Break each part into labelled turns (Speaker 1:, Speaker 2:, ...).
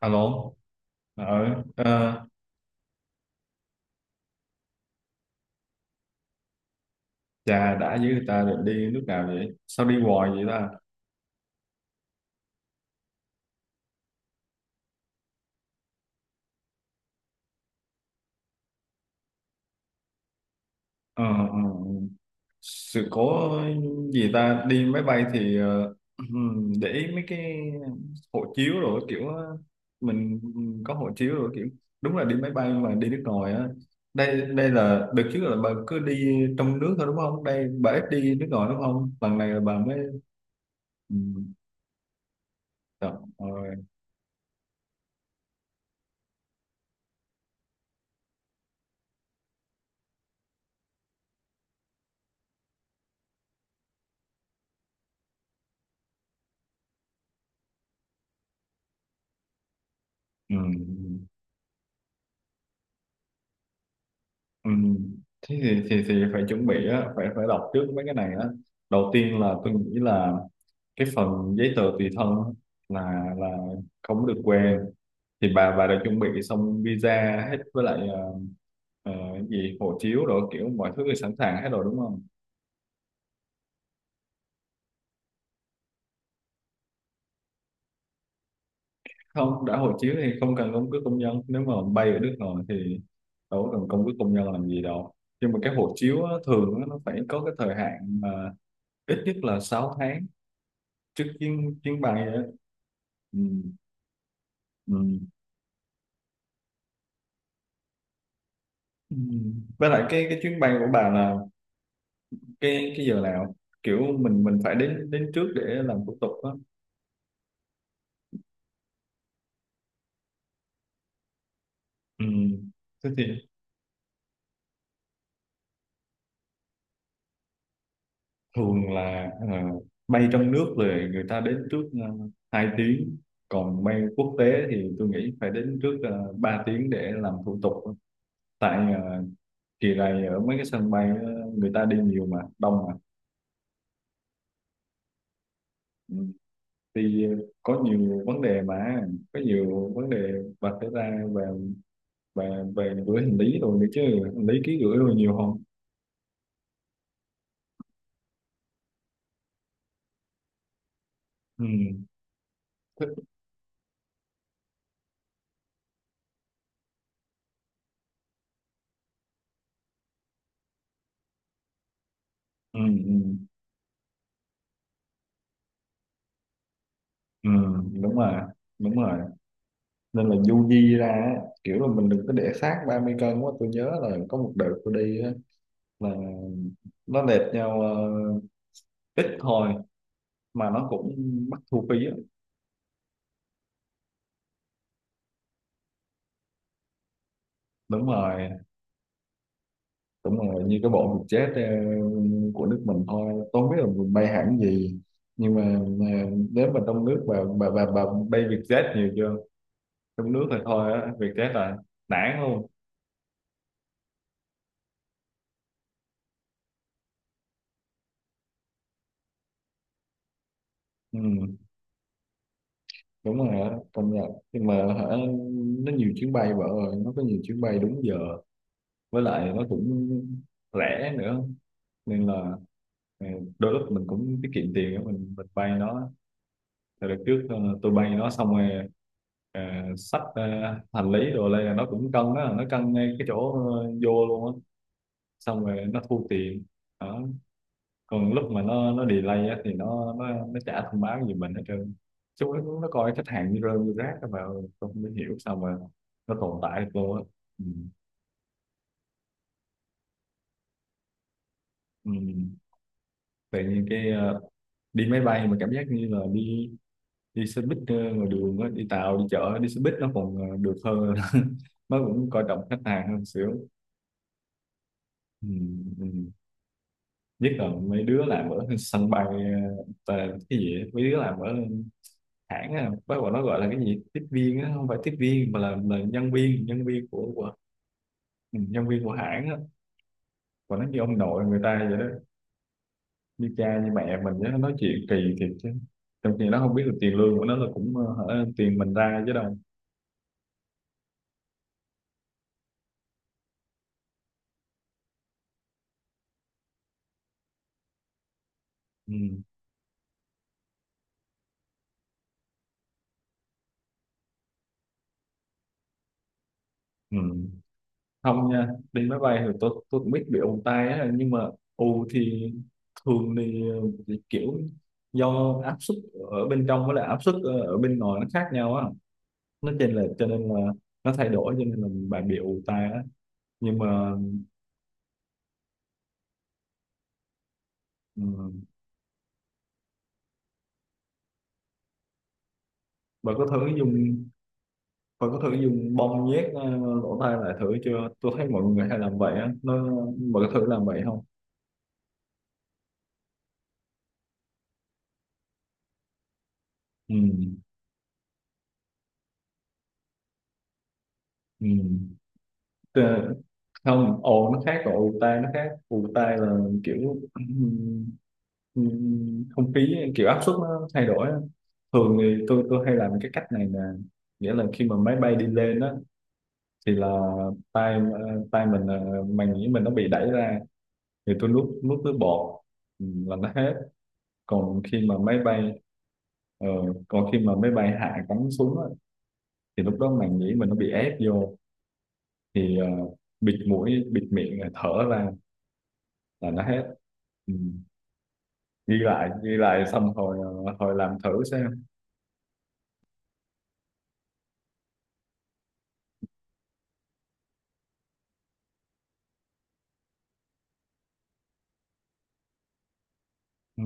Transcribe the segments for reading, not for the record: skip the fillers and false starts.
Speaker 1: Alo. ờ, ờ, Chà, đã với ta rồi, đi lúc nào vậy? Sao đi hoài vậy ta? Ờ, ờ, sự cố gì ta? Đi máy bay thì để ý mấy cái hộ chiếu rồi kiểu mình có hộ chiếu rồi, kiểu đúng là đi máy bay mà đi nước ngoài á. Đây đây là đợt trước là bà cứ đi trong nước thôi đúng không? Đây, bà ít đi nước ngoài đúng không? Lần này là bà mới. Ừ, rồi, ờ, ừ. Ừ. Ừ. Thế thì phải chuẩn bị á, phải phải đọc trước mấy cái này á. Đầu tiên là tôi nghĩ là cái phần giấy tờ tùy thân á, là không được quên. Thì bà đã chuẩn bị xong visa hết, với lại ờ, gì hộ chiếu rồi kiểu mọi thứ thì sẵn sàng hết rồi đúng không? Không, đã hộ chiếu thì không cần căn cước công dân. Nếu mà bay ở nước ngoài thì đâu có cần căn cước công nhân làm gì đâu. Nhưng mà cái hộ chiếu á, thường á, nó phải có cái thời hạn mà ít nhất là 6 tháng trước chuyến chuyến bay vậy á. Ừ. Ừ. Ừ. Với lại cái chuyến bay của bà là cái giờ nào, kiểu mình phải đến đến trước để làm thủ tục á? Ừ. Thế thì thường là bay trong nước rồi người ta đến trước 2 tiếng, còn bay quốc tế thì tôi nghĩ phải đến trước 3 tiếng để làm thủ tục. Tại kỳ này ở mấy cái sân bay người ta đi nhiều mà đông, mà thì có nhiều vấn đề. Mà có nhiều vấn đề vạch ra về về về gửi hành lý rồi nữa chứ. Hành lý ký gửi rồi nhiều không? Ừ, thích. Ừ, ừ, ừ, đúng rồi, đúng rồi, nên là du di ra á, kiểu là mình đừng có để xác 30 cân quá. Tôi nhớ là có một đợt tôi đi á, là nó đẹp nhau ít thôi mà nó cũng mắc thu phí á. Đúng rồi, đúng rồi, như cái bộ VietJet của nước mình thôi, tôi không biết là mình bay hãng gì. Nhưng mà nếu mà trong nước, bà bay VietJet nhiều chưa? Trong nước thì thôi á, VietJet là nản luôn. Ừ, đúng rồi á, công nhận. Nhưng mà hả, nó nhiều chuyến bay, vợ ơi, nó có nhiều chuyến bay đúng giờ, với lại nó cũng rẻ nữa, nên là ờ, đôi lúc mình cũng tiết kiệm tiền á, mình bay nó. Thì đợt trước tôi bay nó xong rồi ờ, xách hành lý, rồi đây là nó cũng cân đó, nó cân ngay cái chỗ vô luôn á, xong rồi nó thu tiền đó. Còn lúc mà nó delay á, thì nó chả thông báo gì mình hết trơn. Nó coi khách hàng như rơm như rác á, mà tôi không hiểu sao mà nó tồn tại được luôn á. Ừ. Ừ. Tự nhiên cái đi máy bay mà cảm giác như là đi đi xe buýt ngoài đường á, đi tàu đi chợ đi xe buýt nó còn được hơn nó cũng coi trọng khách hàng hơn xíu. Ừ. Ừ. Nhất là mấy đứa làm ở sân bay cái gì á, mấy đứa làm ở hãng á, bác bọn nó gọi là cái gì tiếp viên á, không phải tiếp viên mà là nhân viên của. Ừ, nhân viên của hãng á, và nó như ông nội người ta vậy đó, như cha như mẹ mình á, nó nói chuyện kỳ thiệt chứ. Trong khi nó không biết được tiền lương của nó là cũng hả, tiền mình ra chứ đâu. Ừ. Ừ. Không nha, đi máy bay thì tôi cũng biết bị ù tai á, nhưng mà ù thì thường thì kiểu do áp suất ở bên trong với lại áp suất ở ở bên ngoài nó khác nhau á, nó trên là cho nên là nó thay đổi, cho nên là bạn bị ù tai á. Nhưng mà ừ, bạn có thử dùng bạn có thử dùng bông nhét lỗ tai lại thử chưa? Tôi thấy mọi người hay làm vậy á, nó, bạn có thử làm vậy không? Ừ. Ừ. Ờ, không, nó khác, còn ù tai nó khác. Ù tai là kiểu không khí, kiểu áp suất nó thay đổi á. Thường thì tôi hay làm cái cách này nè, nghĩa là khi mà máy bay đi lên á, thì là tay mình màng nhĩ mình nó bị đẩy ra, thì tôi nuốt nuốt nước bọt, là nó hết. còn khi mà máy bay ờ, Còn khi mà máy bay hạ cánh xuống á, thì lúc đó màng nhĩ mình nó bị ép vô, thì bịt mũi bịt miệng rồi thở ra là nó hết. Ừ. Ghi lại, ghi lại xong hồi làm thử xem. Ừ.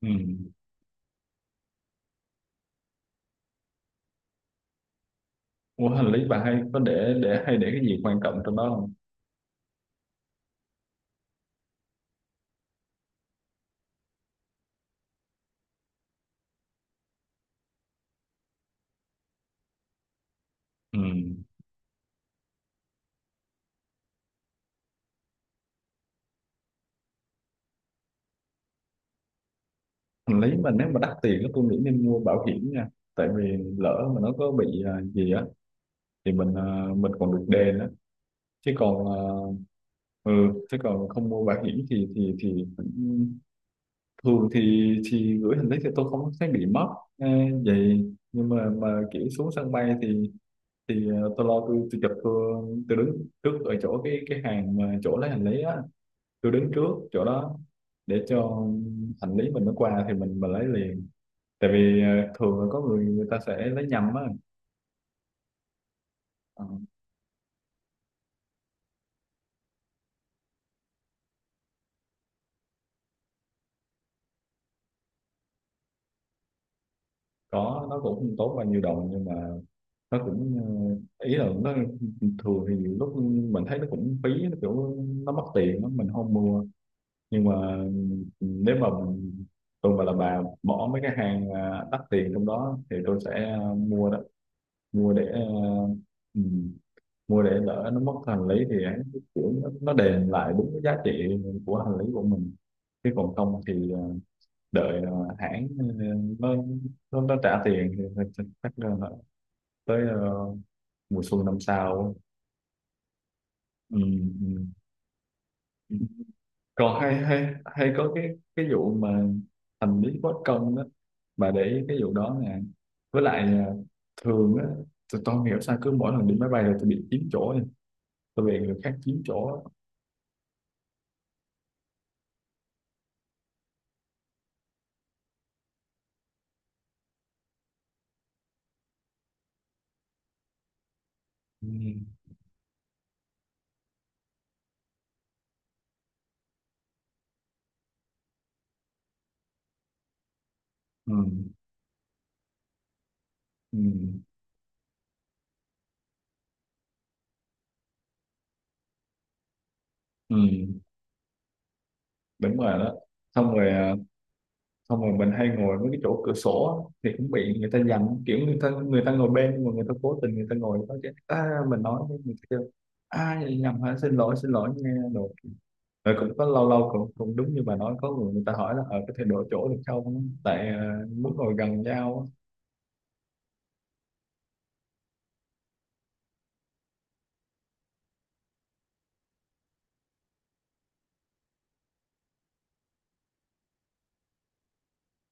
Speaker 1: Ừ. Ủa, hành lý bà hay có để hay để cái gì quan trọng trong đó không? Ừ. Hành lý mà nếu mà đắt tiền á, tôi nghĩ nên mua bảo hiểm nha, tại vì lỡ mà nó có bị gì á thì mình, mình còn được đền á, chứ còn ừ chứ còn không mua bảo hiểm thì thì cũng. Thường thì gửi hành lý thì tôi không thấy bị mất à. Vậy nhưng mà kiểu xuống sân bay thì thì tôi lo, tôi chụp, tôi đứng trước ở chỗ cái hàng mà chỗ lấy hành lý á, tôi đứng trước chỗ đó để cho hành lý mình nó qua thì mình lấy liền. Tại vì thường là có người người ta sẽ lấy nhầm á. Ờ, có, nó cũng không tốt bao nhiêu đồng nhưng mà nó cũng ý là nó, thường thì nhiều lúc mình thấy nó cũng phí, nó kiểu nó mất tiền lắm, mình không mua. Nhưng mà nếu mà mình, tôi mà là bà bỏ mấy cái hàng à, đắt tiền trong đó thì tôi sẽ à, mua đó, mua để ờ, ừ, mua để lỡ nó mất hành lý thì hắn kiểu nó đền lại đúng cái giá trị của hành lý của mình. Chứ còn không thì đợi hãng nó, nó trả tiền thì thì chắc là tới mùa xuân năm sau. Ừ. Ừ. Ừ. Còn hay hay hay có cái vụ mà hành lý bất công đó, bà để ý cái vụ đó nè. Với lại thường á tôi không hiểu sao cứ mỗi lần đi máy bay là tôi bị chiếm chỗ nha, tôi bị người khác chiếm chỗ. Ừ, ừ, ừ, ừ, đúng rồi đó. Xong rồi à, xong rồi mình hay ngồi với cái chỗ cửa sổ á, thì cũng bị người ta dằn, kiểu người ta ngồi bên, nhưng mà người ta cố tình, người ta ngồi đó chứ à, mình nói với người ta kêu à vậy nhầm hả, xin lỗi nghe đồ. Rồi cũng có lâu lâu cũng cũng đúng như bà nói, có người, người ta hỏi là ở có thể đổi chỗ được không tại à, muốn ngồi gần nhau á.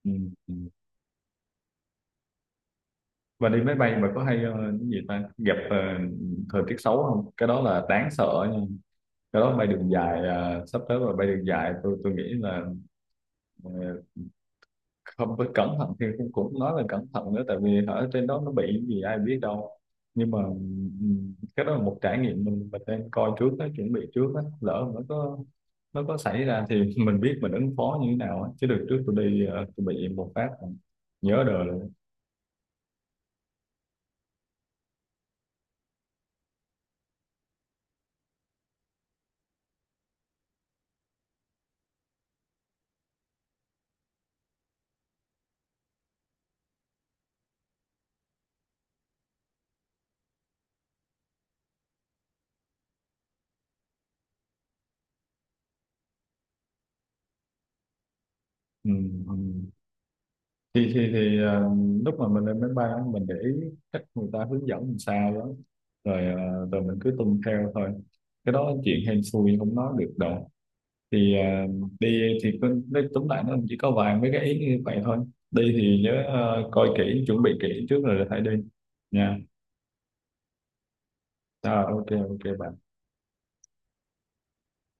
Speaker 1: Ừ. Ừ. Và đi máy bay mà có hay cái gì ta, gặp thời tiết xấu không? Cái đó là đáng sợ nha. Cái đó bay đường dài à, sắp tới mà bay đường dài, tôi nghĩ là ờ, không phải cẩn thận thì cũng cũng nói là cẩn thận nữa, tại vì ở trên đó nó bị cái gì ai biết đâu. Nhưng mà cái đó là một trải nghiệm mình nên coi trước á, chuẩn bị trước á, lỡ mà nó có xảy ra thì mình biết mình ứng phó như thế nào á. Chứ được trước tôi đi tôi bị một phát nhớ đời luôn. thì thì thì ờ, Lúc mà mình lên máy bay á, mình để ý cách người ta hướng dẫn làm sao đó, rồi rồi mình cứ tuân theo thôi, cái đó chuyện hên xui không nói được đâu. Thì đi thì cứ, nói tóm lại nó chỉ có vài mấy cái ý như vậy thôi. Đi thì nhớ coi kỹ, chuẩn bị kỹ trước rồi hãy đi nha. Rồi, ok, ok bạn.